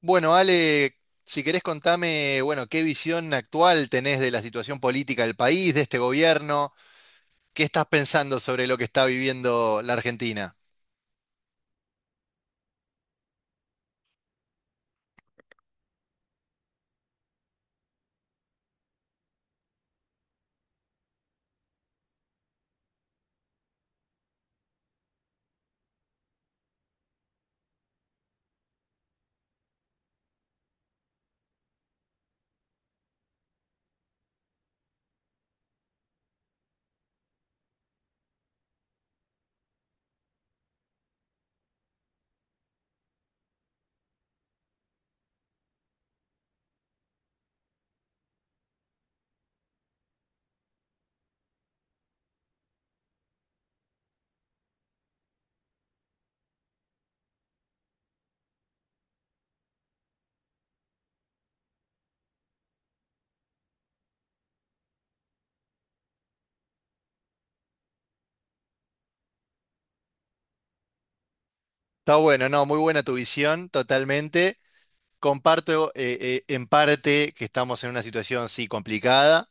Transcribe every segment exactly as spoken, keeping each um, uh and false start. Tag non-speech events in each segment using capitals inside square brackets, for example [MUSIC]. Bueno, Ale, si querés contame, bueno, qué visión actual tenés de la situación política del país, de este gobierno, qué estás pensando sobre lo que está viviendo la Argentina. Está bueno, no, muy buena tu visión, totalmente. Comparto eh, eh, en parte que estamos en una situación, sí, complicada,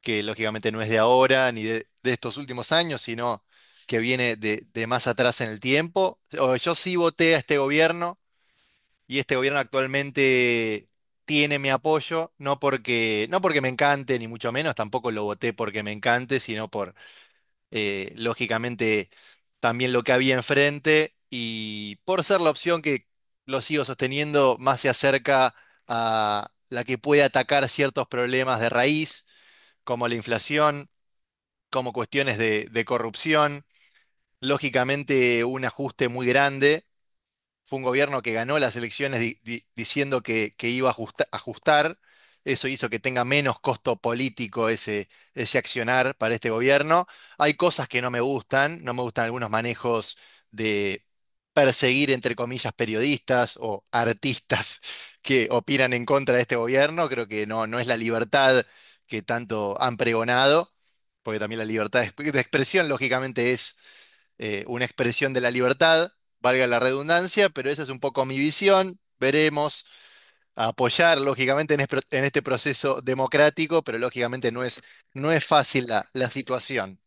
que lógicamente no es de ahora ni de, de estos últimos años, sino que viene de, de más atrás en el tiempo. O- Yo sí voté a este gobierno y este gobierno actualmente tiene mi apoyo, no porque, no porque me encante, ni mucho menos, tampoco lo voté porque me encante, sino por, eh, lógicamente, también lo que había enfrente y por ser la opción que lo sigo sosteniendo más se acerca a la que puede atacar ciertos problemas de raíz, como la inflación, como cuestiones de, de corrupción, lógicamente un ajuste muy grande fue un gobierno que ganó las elecciones di- di- diciendo que, que iba a ajusta- ajustar. Eso hizo que tenga menos costo político ese, ese accionar para este gobierno. Hay cosas que no me gustan, no me gustan algunos manejos de perseguir, entre comillas, periodistas o artistas [LAUGHS] que opinan en contra de este gobierno. Creo que no, no es la libertad que tanto han pregonado, porque también la libertad de exp- de expresión, lógicamente, es eh, una expresión de la libertad, valga la redundancia, pero esa es un poco mi visión. Veremos a apoyar, lógicamente, en, espro- en este proceso democrático, pero lógicamente no es, no es fácil la, la situación.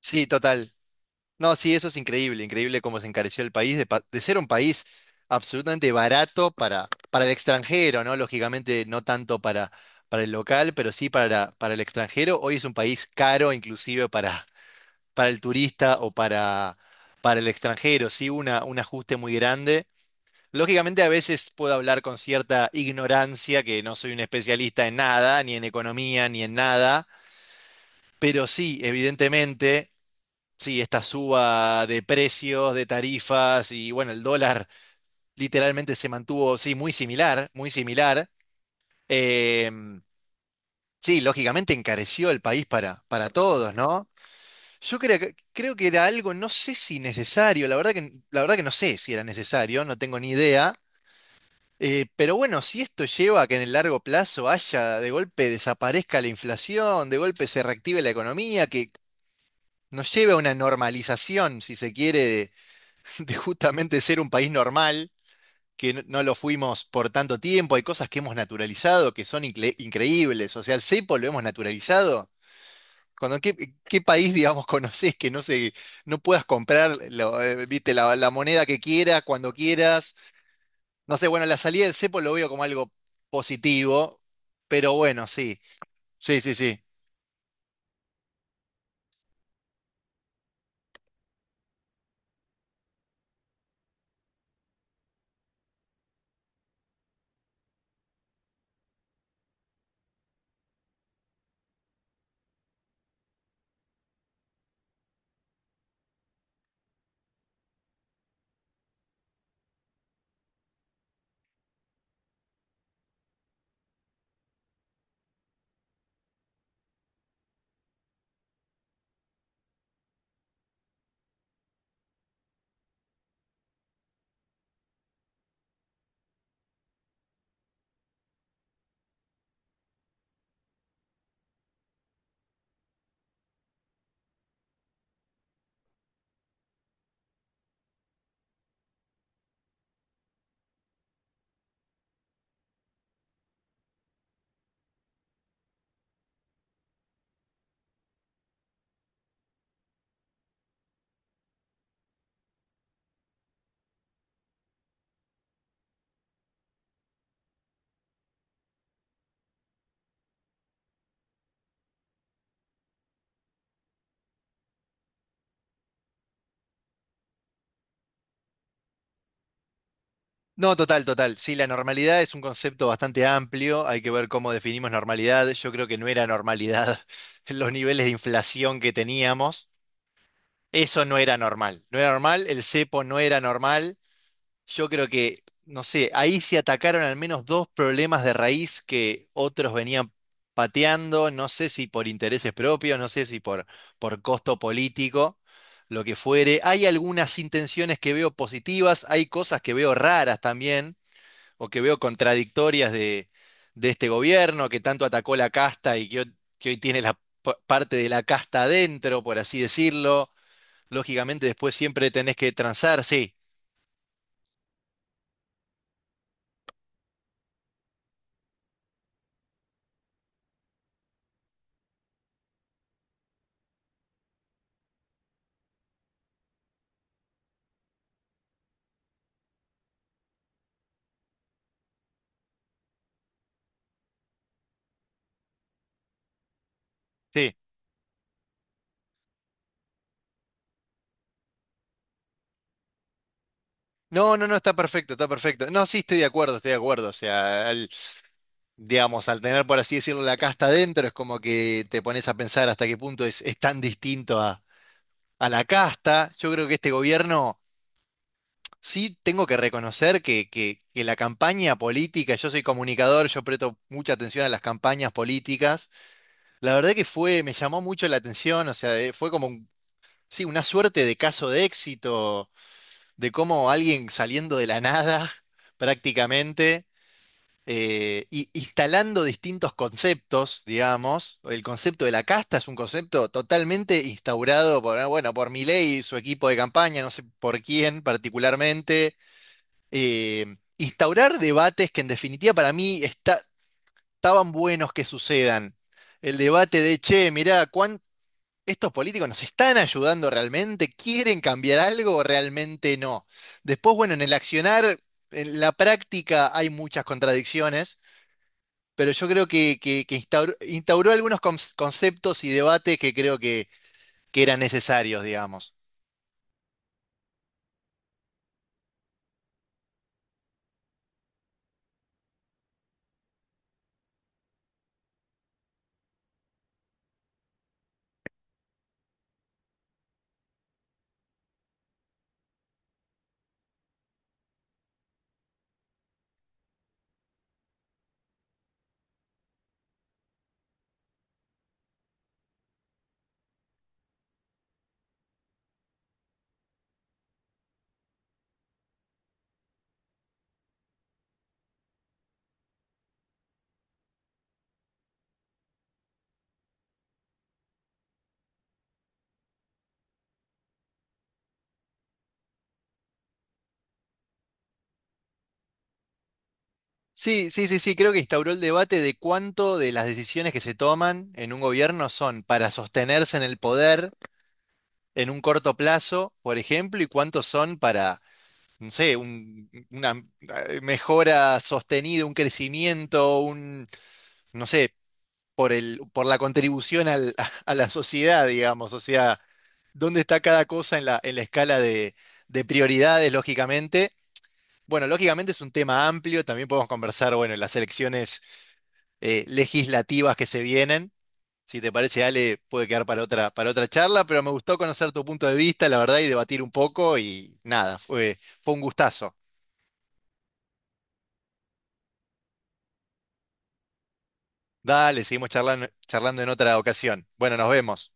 Sí, total. No, sí, eso es increíble, increíble cómo se encareció el país, de, pa- de ser un país absolutamente barato para, para el extranjero, ¿no? Lógicamente, no tanto para, para el local, pero sí para, para el extranjero. Hoy es un país caro, inclusive para, para el turista o para, para el extranjero, ¿sí? Una, un ajuste muy grande. Lógicamente a veces puedo hablar con cierta ignorancia, que no soy un especialista en nada, ni en economía, ni en nada, pero sí, evidentemente, sí, esta suba de precios, de tarifas y bueno, el dólar literalmente se mantuvo, sí, muy similar, muy similar. Em, sí, lógicamente encareció el país para, para todos, ¿no? Yo creo que, creo que era algo, no sé si necesario, la verdad que, la verdad que no sé si era necesario, no tengo ni idea. Eh, pero bueno, si esto lleva a que en el largo plazo haya, de golpe desaparezca la inflación, de golpe se reactive la economía, que nos lleve a una normalización, si se quiere, [LAUGHS] de, de justamente ser un país normal, que no, no lo fuimos por tanto tiempo, hay cosas que hemos naturalizado que son incre- increíbles, o sea, el cepo lo hemos naturalizado cuando, ¿qué, qué país, digamos, [LAUGHS] conocés que no se, no puedas comprar lo, eh, viste, la, la moneda que quieras, cuando quieras? No sé, bueno, la salida del cepo lo veo como algo positivo, pero bueno, sí, sí, sí, sí. No, total, total. Sí, la normalidad es un concepto bastante amplio, hay que ver cómo definimos normalidad. Yo creo que no era normalidad [LAUGHS] los niveles de inflación que teníamos. Eso no era normal. No era normal, el cepo no era normal. Yo creo que, no sé, ahí se atacaron al menos dos problemas de raíz que otros venían pateando, no sé si por intereses propios, no sé si por, por costo político, lo que fuere. Hay algunas intenciones que veo positivas, hay cosas que veo raras también, o que veo contradictorias de, de este gobierno que tanto atacó la casta y que, ho- que hoy tiene la p- parte de la casta adentro, por así decirlo. Lógicamente después siempre tenés que transar, sí. Sí. No, no, no, está perfecto, está perfecto. No, sí, estoy de acuerdo, estoy de acuerdo. O sea, al- digamos, al tener, por así decirlo, la casta adentro, es como que te pones a pensar hasta qué punto es, es tan distinto a, a la casta. Yo creo que este gobierno, sí, tengo que reconocer que, que, que la campaña política, yo soy comunicador, yo presto mucha atención a las campañas políticas. La verdad que fue, me llamó mucho la atención, o sea, eh, fue como, un- sí, una suerte de caso de éxito, de cómo alguien saliendo de la nada, [LAUGHS] prácticamente eh, y instalando distintos conceptos, digamos. El concepto de la casta es un concepto totalmente instaurado por, ah, bueno, por Milei y su equipo de campaña, no sé por quién particularmente. Eh, instaurar debates que en definitiva para mí está- estaban buenos que sucedan. El debate de, che, mirá, ¿cuán- ¿estos políticos nos están ayudando realmente? ¿Quieren cambiar algo o realmente no? Después, bueno, en el accionar, en la práctica hay muchas contradicciones pero yo creo que, que- que instauró, instauró algunos cons- conceptos y debates que creo que, que eran necesarios, digamos. Sí, sí, sí, sí, creo que instauró el debate de cuánto de las decisiones que se toman en un gobierno son para sostenerse en el poder en un corto plazo, por ejemplo, y cuántos son para, no sé, un- una eh, mejora sostenida, un crecimiento, un, no sé, por el, por la contribución al- [LAUGHS] a la sociedad, digamos, o sea. Dónde está cada cosa en la, en la escala de, de prioridades, lógicamente. Bueno, lógicamente es un tema amplio, también podemos conversar, bueno, en las elecciones eh, legislativas que se vienen. Si te parece, Ale, puede quedar para otra, para otra charla, pero me gustó conocer tu punto de vista, la verdad, y debatir un poco, y nada, fue, fue un gustazo. Dale, seguimos charlando, charlando en otra ocasión. Bueno, nos vemos.